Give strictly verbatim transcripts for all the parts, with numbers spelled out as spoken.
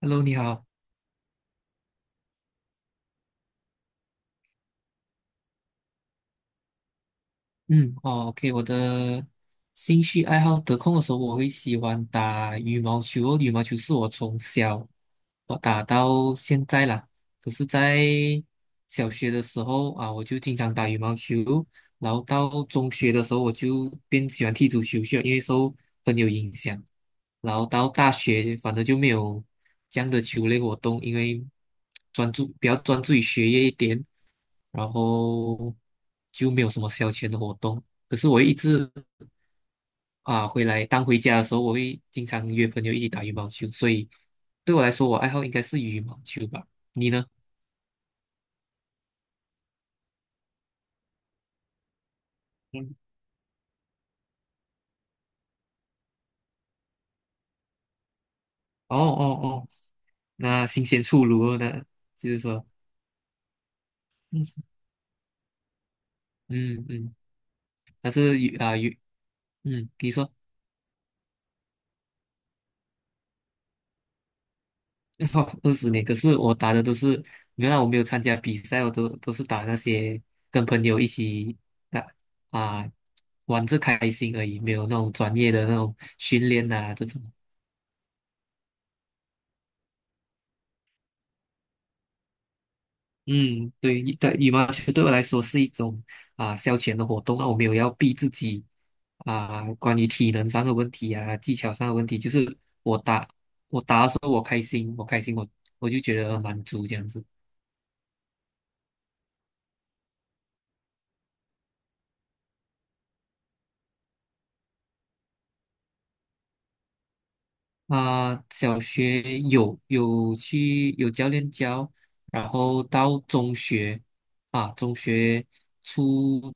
Hello，你好。嗯，哦，OK，我的兴趣爱好得空的时候，我会喜欢打羽毛球哦。羽毛球是我从小我打到现在啦。可是，在小学的时候啊，我就经常打羽毛球。然后到中学的时候，我就变喜欢踢足球去了，因为受朋友影响。然后到大学，反正就没有这样的球类活动，因为专注比较专注于学业一点，然后就没有什么消遣的活动。可是我一直啊回来，当回家的时候，我会经常约朋友一起打羽毛球，所以对我来说，我爱好应该是羽毛球吧。你呢？嗯，哦哦哦，那新鲜出炉了呢。就是说，嗯嗯嗯。但是有啊有，嗯，你说 二十年，可是我打的都是，原来我没有参加比赛，我都都是打那些跟朋友一起打啊，玩着开心而已，没有那种专业的那种训练啊这种。嗯，对，对，羽毛球对我来说是一种啊消遣的活动啊，我没有要逼自己啊，关于体能上的问题啊，技巧上的问题，就是我打我打的时候我开心，我开心我我就觉得满足这样子。啊、小学有有去有教练教，然后到中学啊，中学初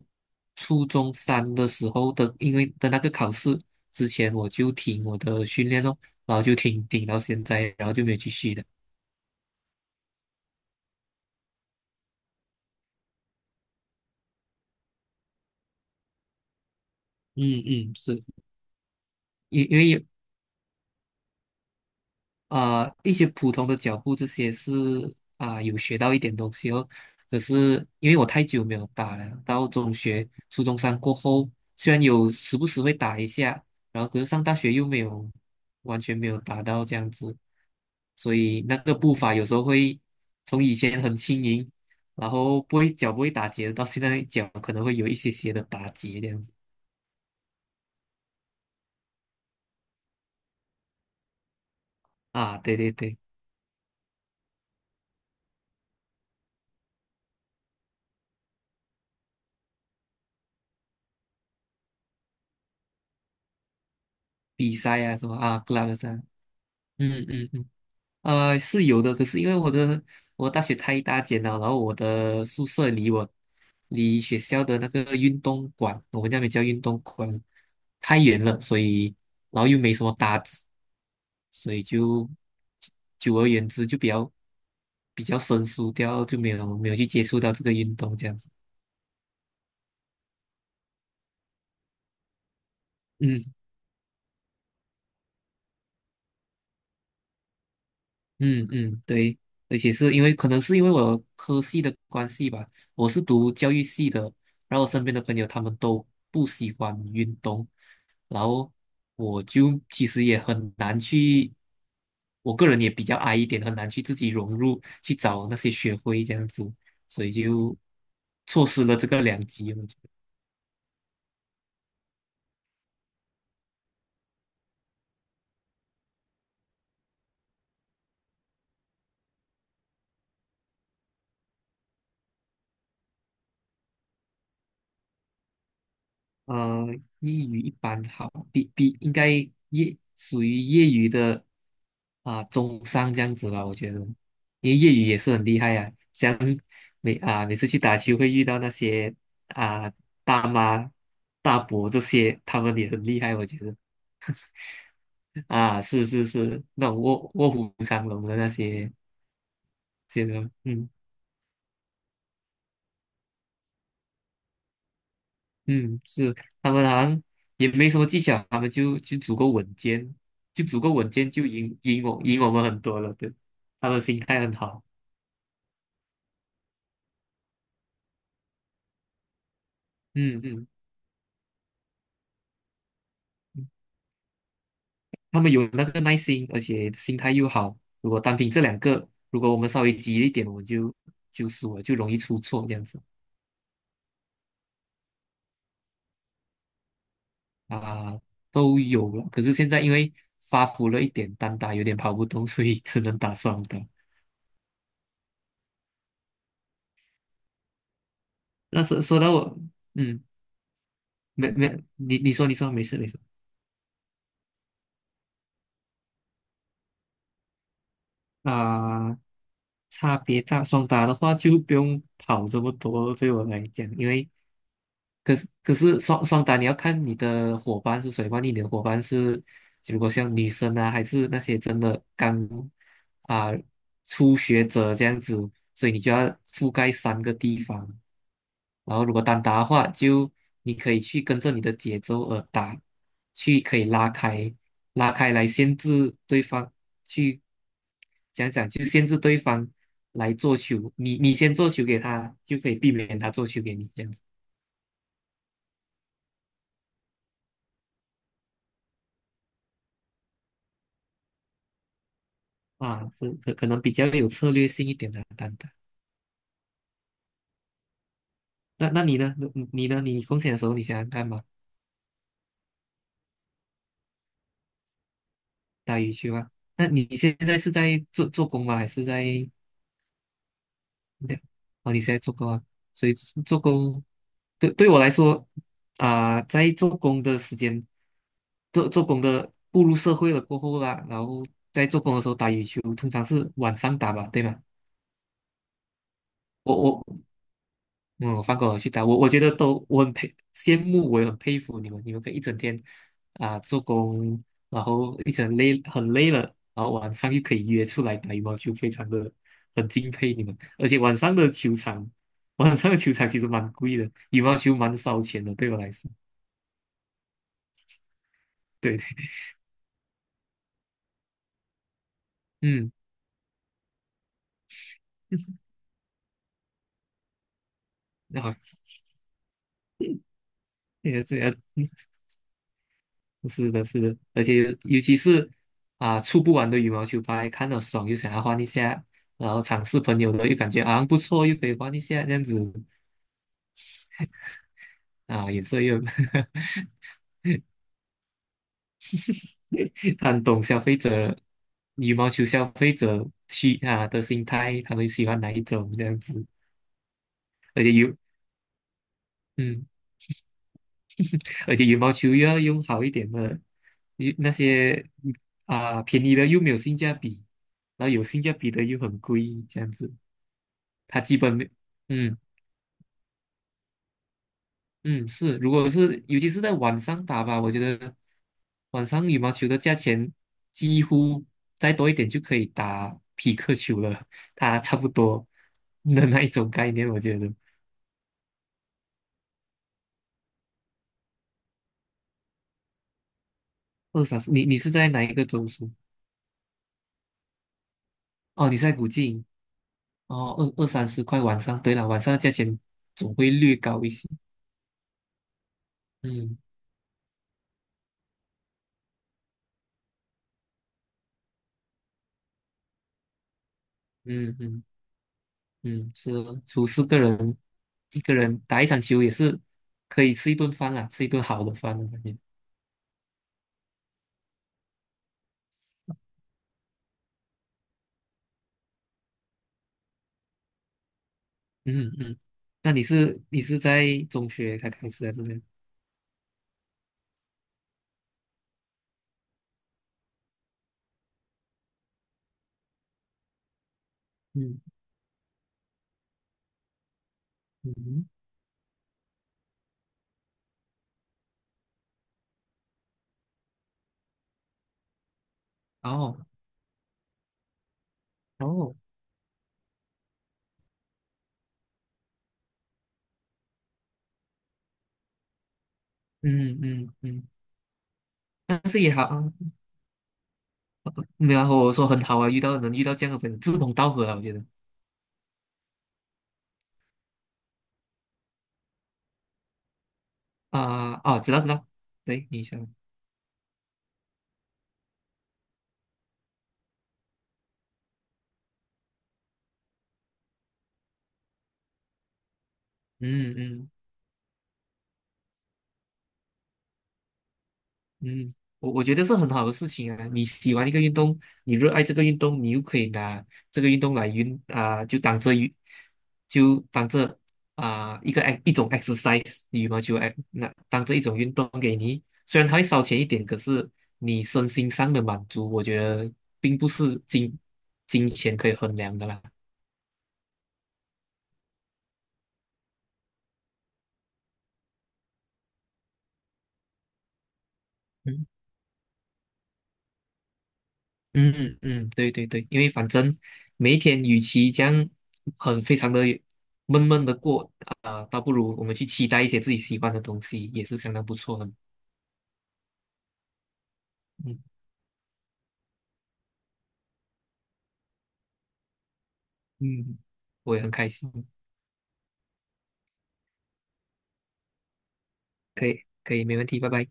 初中三的时候的，因为的那个考试之前我就停我的训练咯，然后就停停到现在，然后就没有继续的。嗯嗯，是因因为啊、一些普通的脚步这些是啊、有学到一点东西哦。可是因为我太久没有打了，到中学、初中三过后，虽然有时不时会打一下，然后可是上大学又没有完全没有打到这样子，所以那个步伐有时候会从以前很轻盈，然后不会脚不会打结，到现在脚可能会有一些些的打结这样子啊。对对对，比赛啊什么啊，club 啊，嗯嗯嗯。呃，是有的，可是因为我的我大学太大间了，然后我的宿舍离我离学校的那个运动馆，我们那边叫运动馆，太远了，所以然后又没什么搭子，所以就久而言之就比较比较生疏掉，就没有没有去接触到这个运动这样子。嗯。嗯嗯，对，而且是因为可能是因为我科系的关系吧，我是读教育系的，然后我身边的朋友他们都不喜欢运动，然后我就其实也很难去，我个人也比较矮一点，很难去自己融入，去找那些学会这样子，所以就错失了这个良机。嗯、呃，业余一般好，比比应该业属于业余的啊、中上这样子吧，我觉得，因为业余也是很厉害啊，像每啊、每次去打球会遇到那些啊、大妈、大伯这些，他们也很厉害，我觉得啊，是是是，那种卧卧虎藏龙的那些，些人，嗯。嗯，是他们好像也没什么技巧，他们就就足够稳健，就足够稳健就赢赢我赢我们很多了，对，他们心态很好。嗯嗯，嗯他们有那个耐心，而且心态又好。如果单凭这两个，如果我们稍微急一点，我们就就输了，就容易出错这样子。啊，都有了。可是现在因为发福了一点，单打有点跑不动，所以 只能打双打。那说说到我，嗯，没没，你你说你说，没事没事。啊、差别大，双打的话就不用跑这么多了对我来讲，因为可是可是双双打你要看你的伙伴是谁，万一你的伙伴是，如果像女生啊，还是那些真的刚啊、初学者这样子，所以你就要覆盖三个地方。然后如果单打的话，就你可以去跟着你的节奏而打，去可以拉开拉开来限制对方，去讲讲就限制对方来做球，你你先做球给他，就可以避免他做球给你这样子。啊，是可可能比较有策略性一点的单打。那那你呢？你你呢？你空闲的时候你想想看嘛，打羽球啊？那你现在是在做做工吗？还是在？对，哦，你现在做工啊？所以做工对对我来说啊、在做工的时间，做做工的步入社会了过后啦，然后在做工的时候打羽球，通常是晚上打吧，对吗？我我嗯，我放过我去打，我我觉得都我很佩羡慕，我也很佩服你们，你们可以一整天啊、做工，然后一整累很累了，然后晚上又可以约出来打羽毛球，非常的很敬佩你们。而且晚上的球场，晚上的球场其实蛮贵的，羽毛球蛮烧钱的，对我来说。对，嗯，那好，谢谢这样，嗯，是的，是的，而且尤尤其是啊，出不完的羽毛球拍，看到爽又想要换一下，然后尝试朋友的又感觉啊不错，又可以换一下这样子。啊，也是又 很懂消费者羽毛球消费者需啊的心态，他们喜欢哪一种这样子，而且有嗯，而且羽毛球又要用好一点的，一那些啊便宜的又没有性价比，然后有性价比的又很贵，这样子，他基本没嗯。嗯。是，如果是尤其是在晚上打吧，我觉得晚上羽毛球的价钱几乎再多一点就可以打匹克球了，它差不多的那一种概念，我觉得二三十，你你是在哪一个中枢？哦，你是在古晋，哦，二二三十块晚上，对了，晚上的价钱总会略高一些，嗯嗯嗯嗯，是哦，除四个人，一个人打一场球也是可以吃一顿饭啦，吃一顿好的饭的感觉。嗯嗯，那你是你是在中学才开始还是怎样？嗯嗯，哦哦，嗯嗯嗯，但是也好，没有啊我说很好啊，遇到能遇到这样的朋友，志同道合啊，我觉得啊、啊，知道知道，对，你想，嗯嗯。嗯，我我觉得是很好的事情啊！你喜欢一个运动，你热爱这个运动，你又可以拿这个运动来运啊、就当这运，就当这啊、一个 e 一种 exercise，羽毛球 ex- 那当这一种运动给你，虽然它会烧钱一点，可是你身心上的满足，我觉得并不是金金钱可以衡量的啦。嗯。嗯嗯，对对对，因为反正每一天与其这样很非常的闷闷的过啊、倒不如我们去期待一些自己喜欢的东西，也是相当不错的。嗯嗯，我也很开心，可以可以，没问题，拜拜。